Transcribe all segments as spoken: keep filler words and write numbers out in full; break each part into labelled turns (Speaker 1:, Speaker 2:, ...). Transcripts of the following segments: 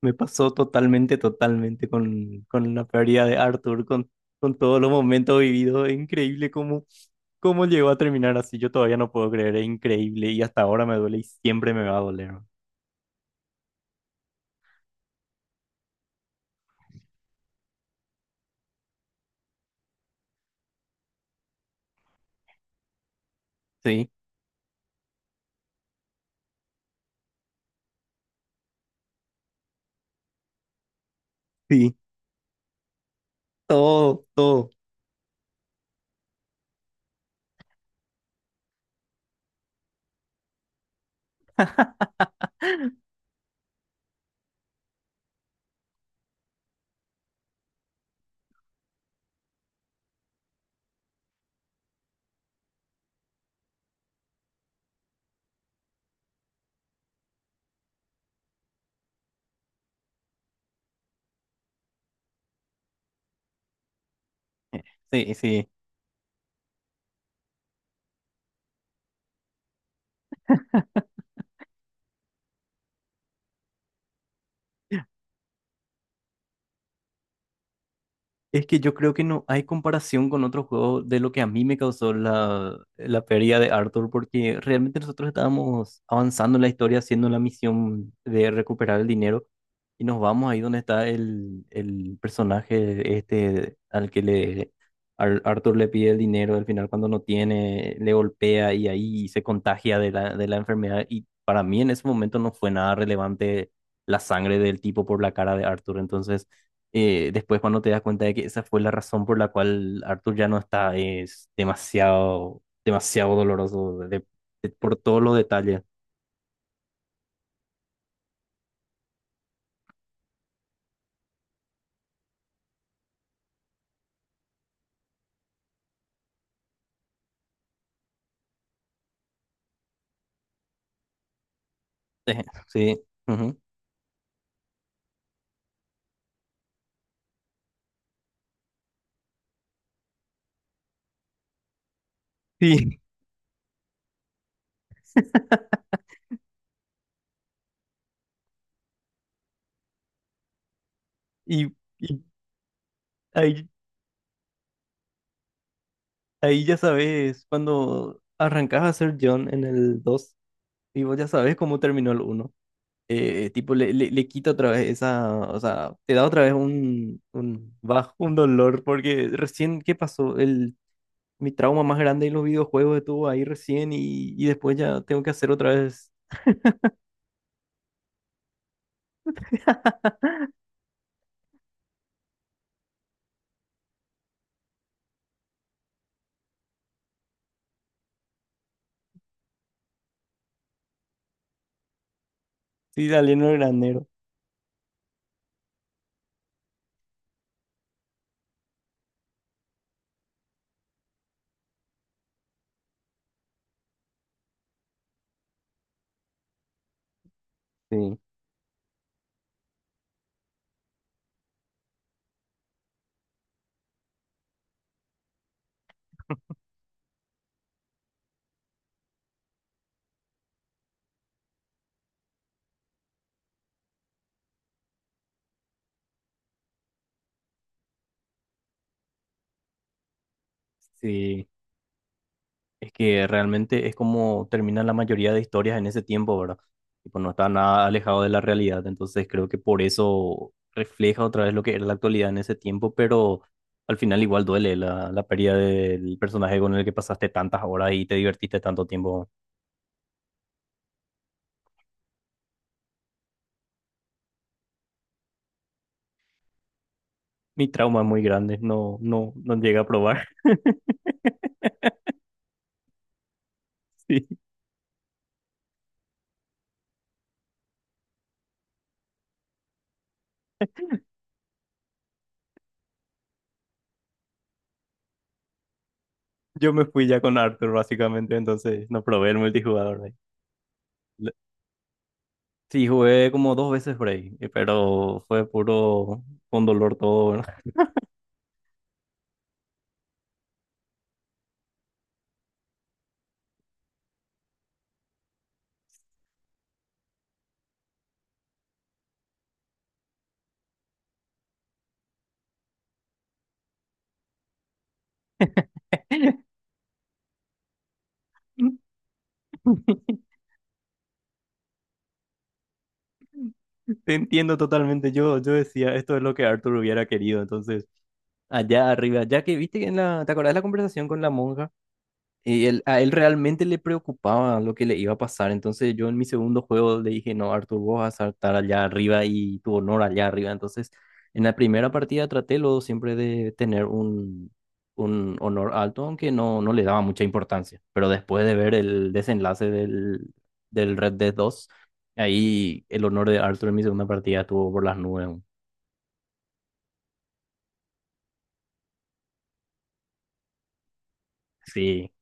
Speaker 1: Me pasó totalmente, totalmente con, con la pérdida de Arthur, con, con todos los momentos vividos. Es increíble cómo, cómo llegó a terminar así. Yo todavía no puedo creer, es increíble. Y hasta ahora me duele y siempre me va a doler, ¿no? Sí, sí, todo, todo. Eh, Sí, sí. Es que yo creo que no hay comparación con otro juego de lo que a mí me causó la, la pérdida de Arthur, porque realmente nosotros estábamos avanzando en la historia haciendo la misión de recuperar el dinero y nos vamos ahí donde está el, el personaje este al que le Ar- Arthur le pide el dinero, al final cuando no tiene le golpea y ahí se contagia de la, de la enfermedad, y para mí en ese momento no fue nada relevante la sangre del tipo por la cara de Arthur. Entonces eh, después, cuando te das cuenta de que esa fue la razón por la cual Arthur ya no está, es demasiado, demasiado doloroso de- de- por todos los detalles. Eh, Sí, ujú. Sí, y, y ahí, ahí ya sabes, cuando arrancas a ser John en el dos y vos ya sabes cómo terminó el uno. Eh, tipo, le, le, le quita otra vez esa, o sea, te da otra vez un, un bajo, un dolor, porque recién, ¿qué pasó? El Mi trauma más grande en los videojuegos estuvo ahí recién, y, y después ya tengo que hacer otra vez. Sí, saliendo del granero. Sí, sí. Es que realmente es como terminan la mayoría de historias en ese tiempo, ¿verdad? Y pues no está nada alejado de la realidad. Entonces creo que por eso refleja otra vez lo que era la actualidad en ese tiempo, pero al final igual duele la, la pérdida del personaje con el que pasaste tantas horas y te divertiste tanto tiempo. Mi trauma es muy grande, no, no, no llega a probar. Yo me fui ya con Arthur, básicamente, entonces no probé el multijugador ahí. Le- Sí, jugué como dos veces por ahí, eh, pero fue puro, con dolor todo, ¿no? Te entiendo totalmente. Yo, yo decía, esto es lo que Arthur hubiera querido. Entonces, allá arriba, ya que viste que en la, ¿te acordás de la conversación con la monja? Y él- a él realmente le preocupaba lo que le iba a pasar. Entonces yo en mi segundo juego le dije, no, Arthur, vos vas a saltar allá arriba, y tu honor allá arriba. Entonces en la primera partida traté luego siempre de tener un, un honor alto, aunque no, no le daba mucha importancia. Pero después de ver el desenlace del, del Red Dead dos, ahí el honor de Arthur en mi segunda partida estuvo por las nubes. Sí,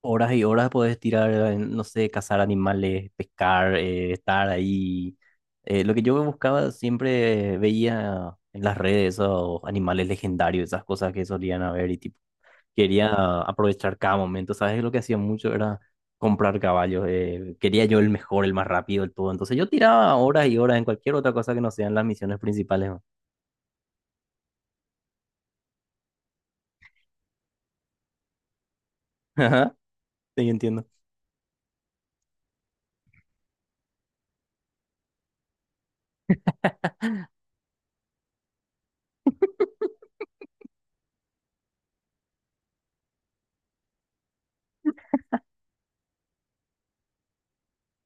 Speaker 1: horas y horas puedes tirar en, no sé, cazar animales, pescar, eh, estar ahí. Eh, lo que yo buscaba, siempre veía en las redes esos animales legendarios, esas cosas que solían haber, y tipo, quería aprovechar cada momento, ¿sabes? Lo que hacía mucho era comprar caballos. Eh, quería yo el mejor, el más rápido, el todo. Entonces yo tiraba horas y horas en cualquier otra cosa que no sean las misiones principales, ¿no? Sí, entiendo.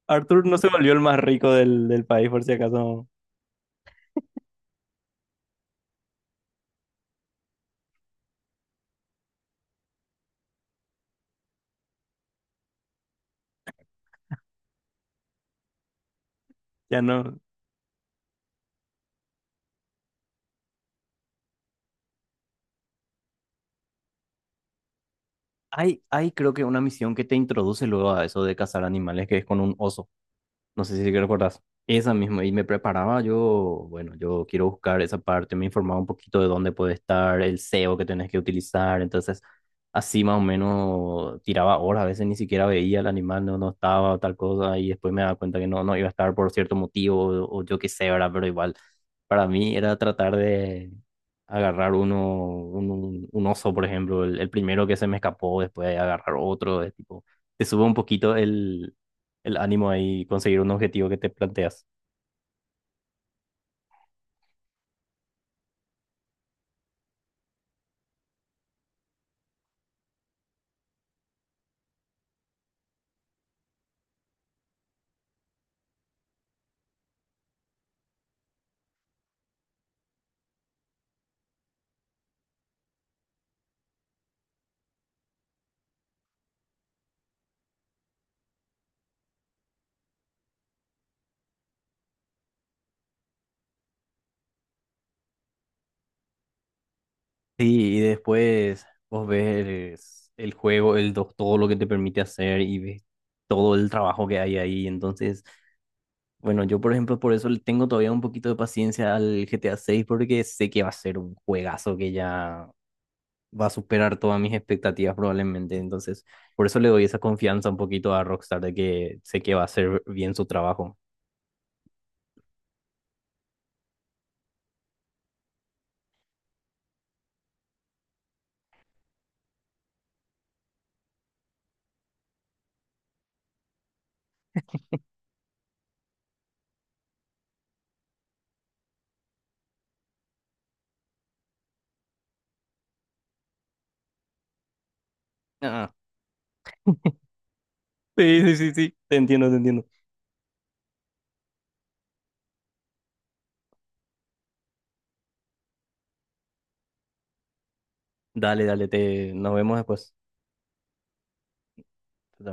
Speaker 1: Arthur no se volvió el más rico del, del país, por si acaso. Ya no. Hay, hay creo que una misión que te introduce luego a eso de cazar animales, que es con un oso. No sé si recordás. Esa misma, y me preparaba yo, bueno, yo quiero buscar esa parte, me informaba un poquito de dónde puede estar el S E O que tenés que utilizar. Entonces así más o menos tiraba horas, a veces ni siquiera veía el animal, no, no estaba tal cosa, y después me daba cuenta que no, no iba a estar por cierto motivo, o, o yo qué sé, ¿verdad? Pero igual, para mí era tratar de agarrar uno, un, un un oso, por ejemplo, el, el primero que se me escapó, después agarrar otro. Es tipo te sube un poquito el, el ánimo ahí, conseguir un objetivo que te planteas. Sí, y después vos ves el juego, el doc- todo lo que te permite hacer, y ves todo el trabajo que hay ahí. Entonces, bueno, yo por ejemplo, por eso le tengo todavía un poquito de paciencia al G T A seis, porque sé que va a ser un juegazo que ya va a superar todas mis expectativas probablemente. Entonces, por eso le doy esa confianza un poquito a Rockstar, de que sé que va a hacer bien su trabajo. Ah, sí, sí, sí, sí, te entiendo, te entiendo. Dale, dale, te... nos vemos después. Chao, chao.